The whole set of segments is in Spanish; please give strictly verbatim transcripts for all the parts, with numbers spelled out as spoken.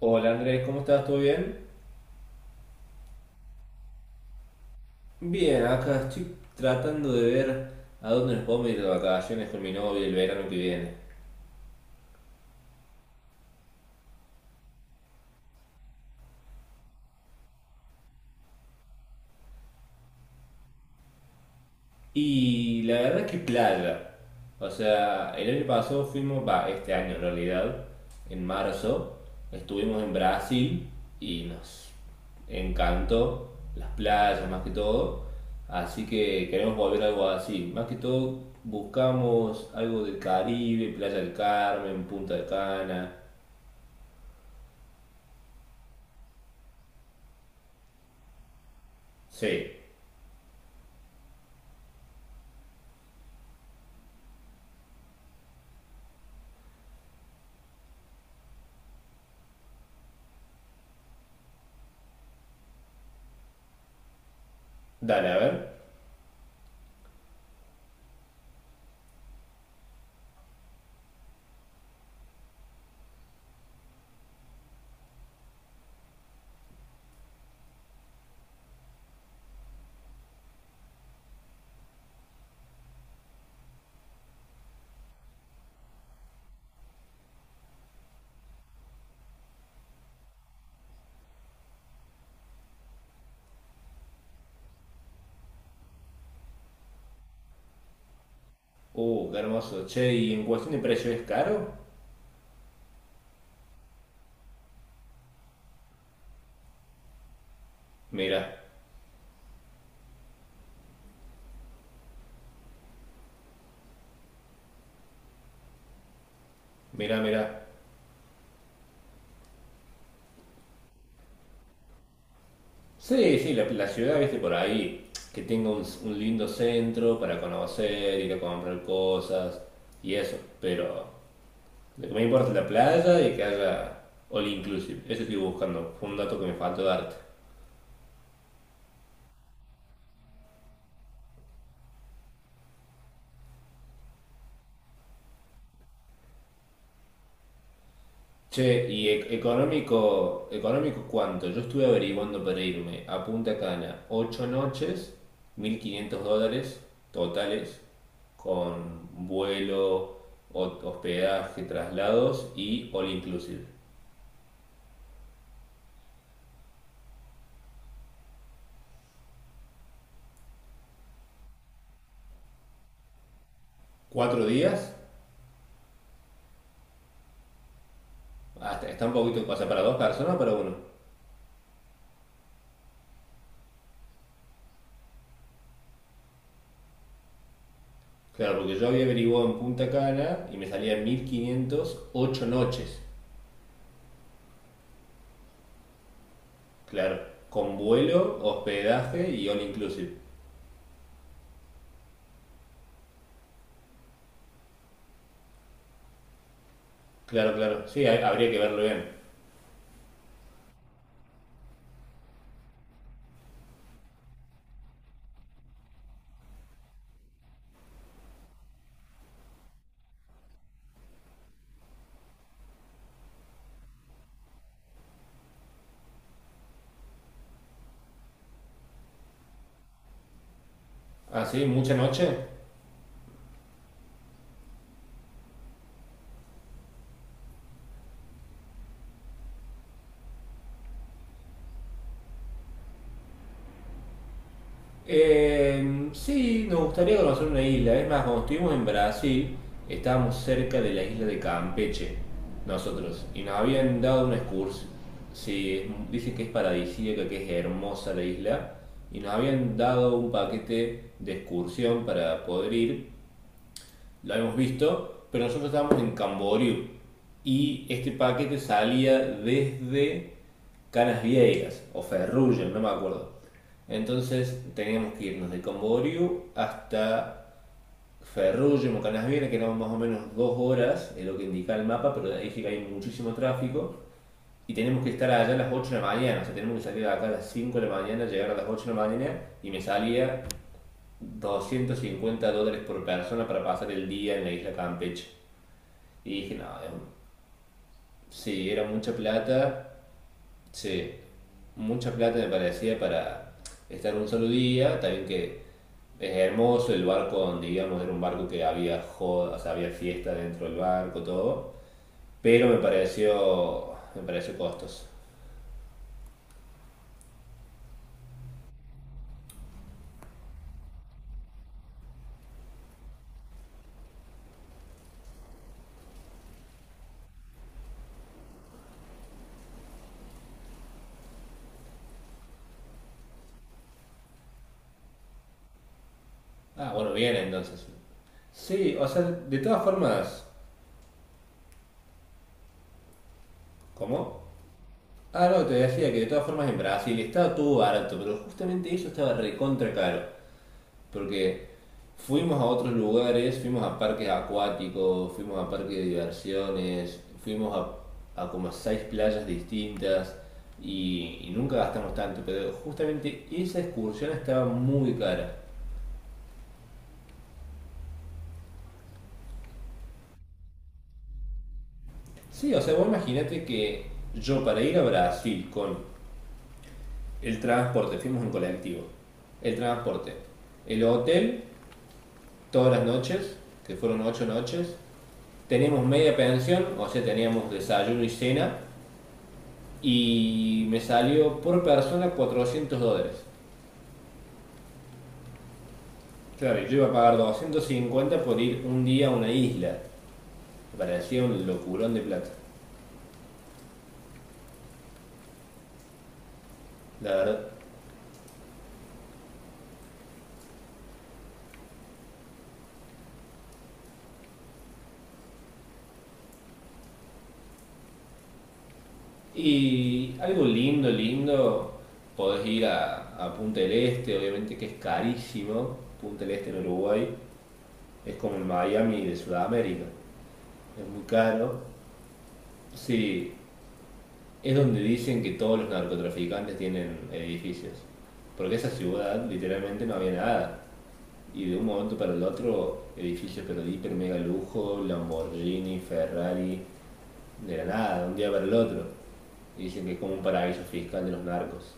Hola Andrés, ¿cómo estás? ¿Todo bien? Bien, acá estoy tratando de ver a dónde nos podemos ir de vacaciones con mi novia el verano que viene. Y la verdad es que playa. O sea, el año pasado fuimos, va, este año en realidad, en marzo, estuvimos en Brasil y nos encantó las playas más que todo. Así que queremos volver a algo así. Más que todo buscamos algo del Caribe, Playa del Carmen, Punta de Cana. Sí. Dale, a ver. Uh, qué hermoso. Che, y en cuestión de precio, ¿es caro? Mira, mira, mira. Sí, sí, la, la ciudad, viste, por ahí, que tenga un, un lindo centro para conocer, ir a comprar cosas y eso. Pero lo que me importa es la playa y que haya all inclusive. Eso estoy buscando. Fue un dato que me faltó darte. Che, y e- económico, económico, ¿cuánto? Yo estuve averiguando para irme a Punta Cana, ocho noches, mil quinientos dólares totales, con vuelo, ho- hospedaje, traslados y all inclusive. ¿Cuatro días? Hasta, está un poquito, o sea, ¿para dos personas o para uno? Claro, porque yo había averiguado en Punta Cana y me salía mil quinientos ocho noches. Claro, con vuelo, hospedaje y all inclusive. Claro, claro, sí, hay- habría que verlo bien. Ah, sí, mucha noche. Eh, sí, nos gustaría conocer una isla. Es más, cuando estuvimos en Brasil, estábamos cerca de la isla de Campeche, nosotros, y nos habían dado una excursión. Sí, es- dicen que es paradisíaca, que es hermosa la isla, y nos habían dado un paquete de excursión para poder ir, lo hemos visto, pero nosotros estábamos en Camboriú y este paquete salía desde Canas Viejas o Ferrugem, no me acuerdo. Entonces teníamos que irnos de Camboriú hasta Ferrugem o Canas Viejas, que eran más o menos dos horas, es lo que indica el mapa, pero ahí sí que hay muchísimo tráfico. Y tenemos que estar allá a las ocho de la mañana, o sea, tenemos que salir de acá a las cinco de la mañana, llegar a las ocho de la mañana, y me salía doscientos cincuenta dólares por persona para pasar el día en la isla Campeche. Y dije, no, sí, era mucha plata, sí, mucha plata me parecía para estar un solo día, también que es hermoso el barco donde íbamos, era un barco que había joda, o sea, había fiesta dentro del barco, todo, pero me pareció, me pareció costoso. Ah, bueno, bien entonces. Sí, o sea, de todas formas, ¿cómo? Ah, no, te decía que de todas formas en Brasil estaba todo barato, pero justamente eso estaba recontra caro. Porque fuimos a otros lugares, fuimos a parques acuáticos, fuimos a parques de diversiones, fuimos a, a como seis playas distintas y, y nunca gastamos tanto, pero justamente esa excursión estaba muy cara. Sí, o sea, vos imaginate que yo para ir a Brasil con el transporte, fuimos en colectivo, el transporte, el hotel todas las noches, que fueron ocho noches. Teníamos media pensión, o sea, teníamos desayuno y cena, y me salió por persona cuatrocientos dólares. Claro, yo iba a pagar doscientos cincuenta por ir un día a una isla. Me parecía un locurón de plata, la verdad. Y algo lindo, lindo, podés ir a, a Punta del Este, obviamente que es carísimo. Punta del Este en Uruguay es como el Miami de Sudamérica, es muy caro. Sí, es donde dicen que todos los narcotraficantes tienen edificios. Porque esa ciudad literalmente no había nada. Y de un momento para el otro, edificios pero de hiper mega lujo, Lamborghini, Ferrari, de la nada, de un día para el otro. Y dicen que es como un paraíso fiscal de los narcos.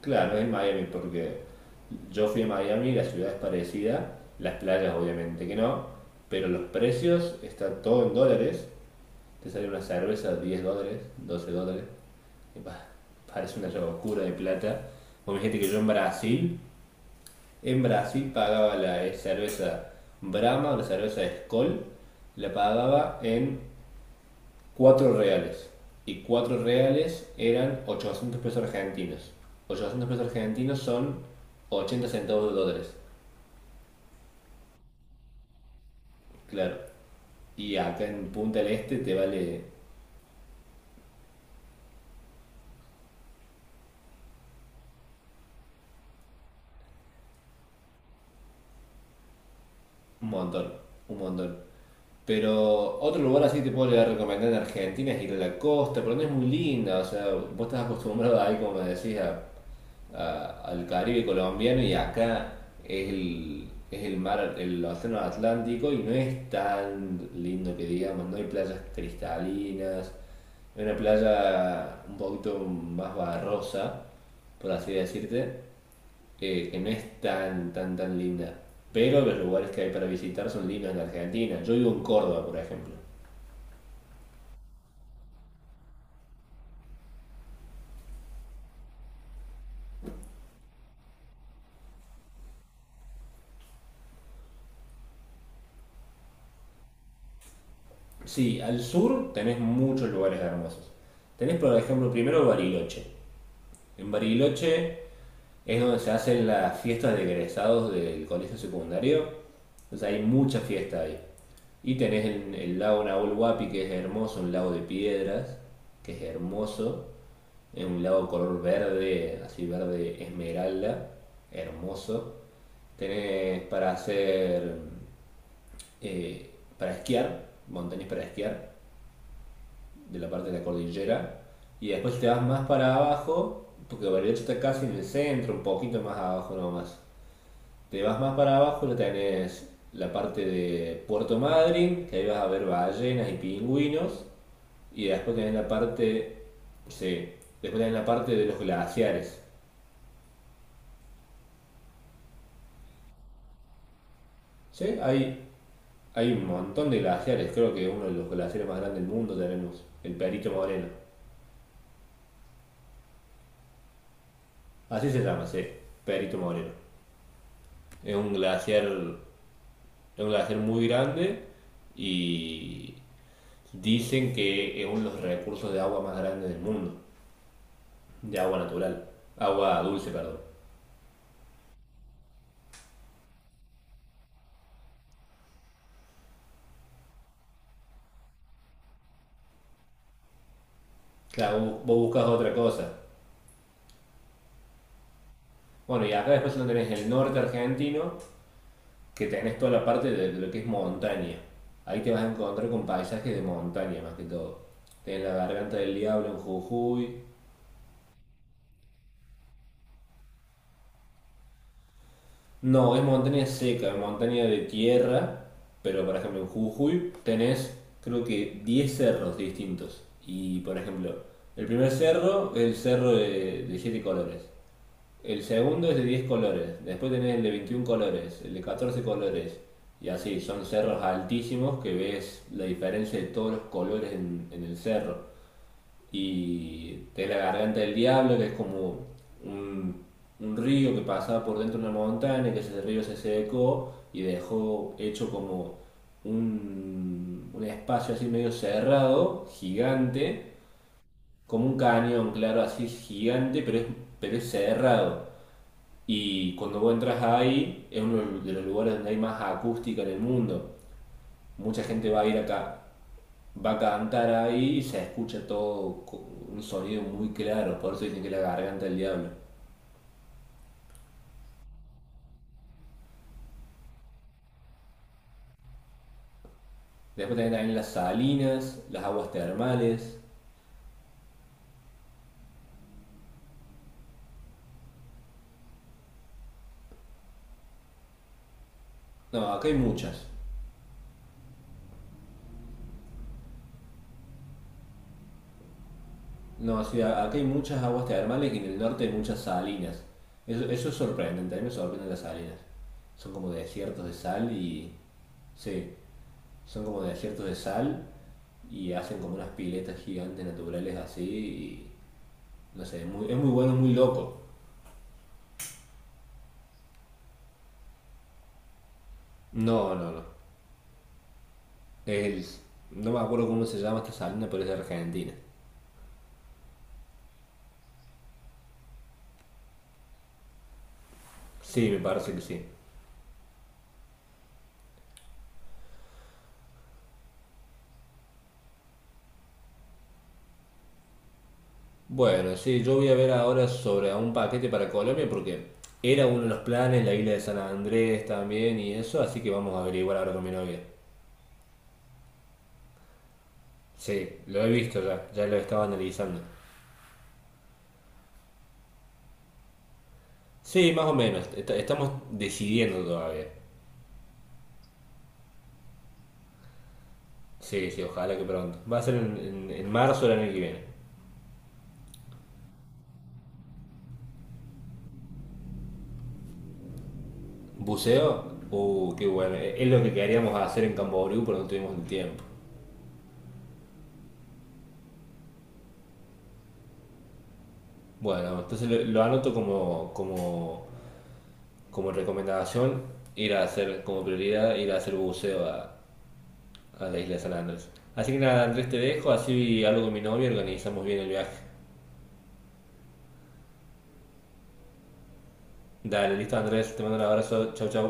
Claro, es Miami porque yo fui a Miami, la ciudad es parecida, las playas obviamente que no, pero los precios están todo en dólares. Te sale una cerveza de diez dólares, doce dólares. Y pa- parece una llave oscura de plata. Vos gente que yo en Brasil, en Brasil pagaba la eh, cerveza Brahma, la cerveza Skol, la pagaba en cuatro reales. Y cuatro reales eran ochocientos pesos argentinos. Ochocientos pesos argentinos son ochenta centavos de dólares. Claro. Y acá en Punta del Este te vale un montón, un montón. Pero otro lugar así te puedo recomendar en Argentina es ir a la costa, pero no es muy linda, o sea, vos estás acostumbrado ahí, como me decís, a- a- al Caribe colombiano y acá es el, es el, mar, el océano Atlántico y no es tan lindo que digamos, no hay playas cristalinas, hay una playa un poquito más barrosa, por así decirte, eh, que no es tan, tan, tan linda. Pero los lugares que hay para visitar son lindos en Argentina. Yo vivo en Córdoba, por ejemplo. Sí, al sur tenés muchos lugares hermosos. Tenés, por ejemplo, primero Bariloche. En Bariloche es donde se hacen las fiestas de egresados del colegio secundario. Entonces hay mucha fiesta ahí. Y tenés el, el lago Nahuel Huapi, que es hermoso, un lago de piedras, que es hermoso. Es un lago color verde, así verde esmeralda, hermoso. Tenés para hacer, eh, para esquiar, montañas para esquiar, de la parte de la cordillera. Y después te vas más para abajo, porque Bariloche está casi en el centro, un poquito más abajo nomás. Te vas más para abajo, lo tenés la parte de Puerto Madryn, que ahí vas a ver ballenas y pingüinos, y después tenés la parte, sí, después tenés la parte de los glaciares. Sí, hay, hay un montón de glaciares, creo que uno de los glaciares más grandes del mundo tenemos, el Perito Moreno. Así se llama, sí, Perito Moreno. Es un glaciar, es un glaciar muy grande y dicen que es uno de los recursos de agua más grandes del mundo. De agua natural. Agua dulce, perdón. Claro, vos buscas otra cosa. Bueno, y acá después lo tenés el norte argentino, que tenés toda la parte de lo que es montaña. Ahí te vas a encontrar con paisajes de montaña más que todo. Tenés la garganta del diablo en Jujuy. No, es montaña seca, es montaña de tierra. Pero por ejemplo en Jujuy tenés creo que diez cerros distintos. Y por ejemplo, el primer cerro es el cerro de, de siete colores. El segundo es de diez colores, después tenés el de veintiún colores, el de catorce colores, y así, son cerros altísimos que ves la diferencia de todos los colores en, en, el cerro. Y tenés la garganta del diablo, que es como un, un río que pasaba por dentro de una montaña, que ese río se secó y dejó hecho como un, un espacio así medio cerrado, gigante, como un cañón, claro, así gigante, pero es, pero es cerrado. Y cuando vos entras ahí, es uno de los lugares donde hay más acústica en el mundo. Mucha gente va a ir acá, va a cantar ahí y se escucha todo con un sonido muy claro, por eso dicen que es la garganta del diablo. Después tenés también las salinas, las aguas termales. No, acá hay muchas. No, sí, a- acá hay muchas aguas termales y en el norte hay muchas salinas. Eso, eso es sorprendente, a mí me sorprenden las salinas. Son como desiertos de sal y... Sí, son como desiertos de sal y hacen como unas piletas gigantes naturales así y no sé, es muy, es muy bueno, es muy loco. No, no, no. Es, no me acuerdo cómo se llama esta salina, pero es de Argentina. Sí, me parece que sí. Bueno, sí, yo voy a ver ahora sobre un paquete para Colombia porque era uno de los planes, la isla de San Andrés también y eso, así que vamos a averiguar ahora con mi novia. Sí, lo he visto ya, ya lo estaba analizando. Sí, más o menos, est- estamos decidiendo todavía. Sí, sí, ojalá que pronto. Va a ser en, en- en marzo del año que viene. ¿Buceo? Uh, qué bueno. Eh, Es lo que queríamos hacer en Camboriú, pero no tuvimos el tiempo. Bueno, entonces lo, lo anoto como, como, como recomendación, ir a hacer, como prioridad, ir a hacer buceo a, a la isla de San Andrés. Así que nada, Andrés, te dejo, así hablo con mi novia y organizamos bien el viaje. Dale, listo Andrés, te mando un abrazo, chau chau.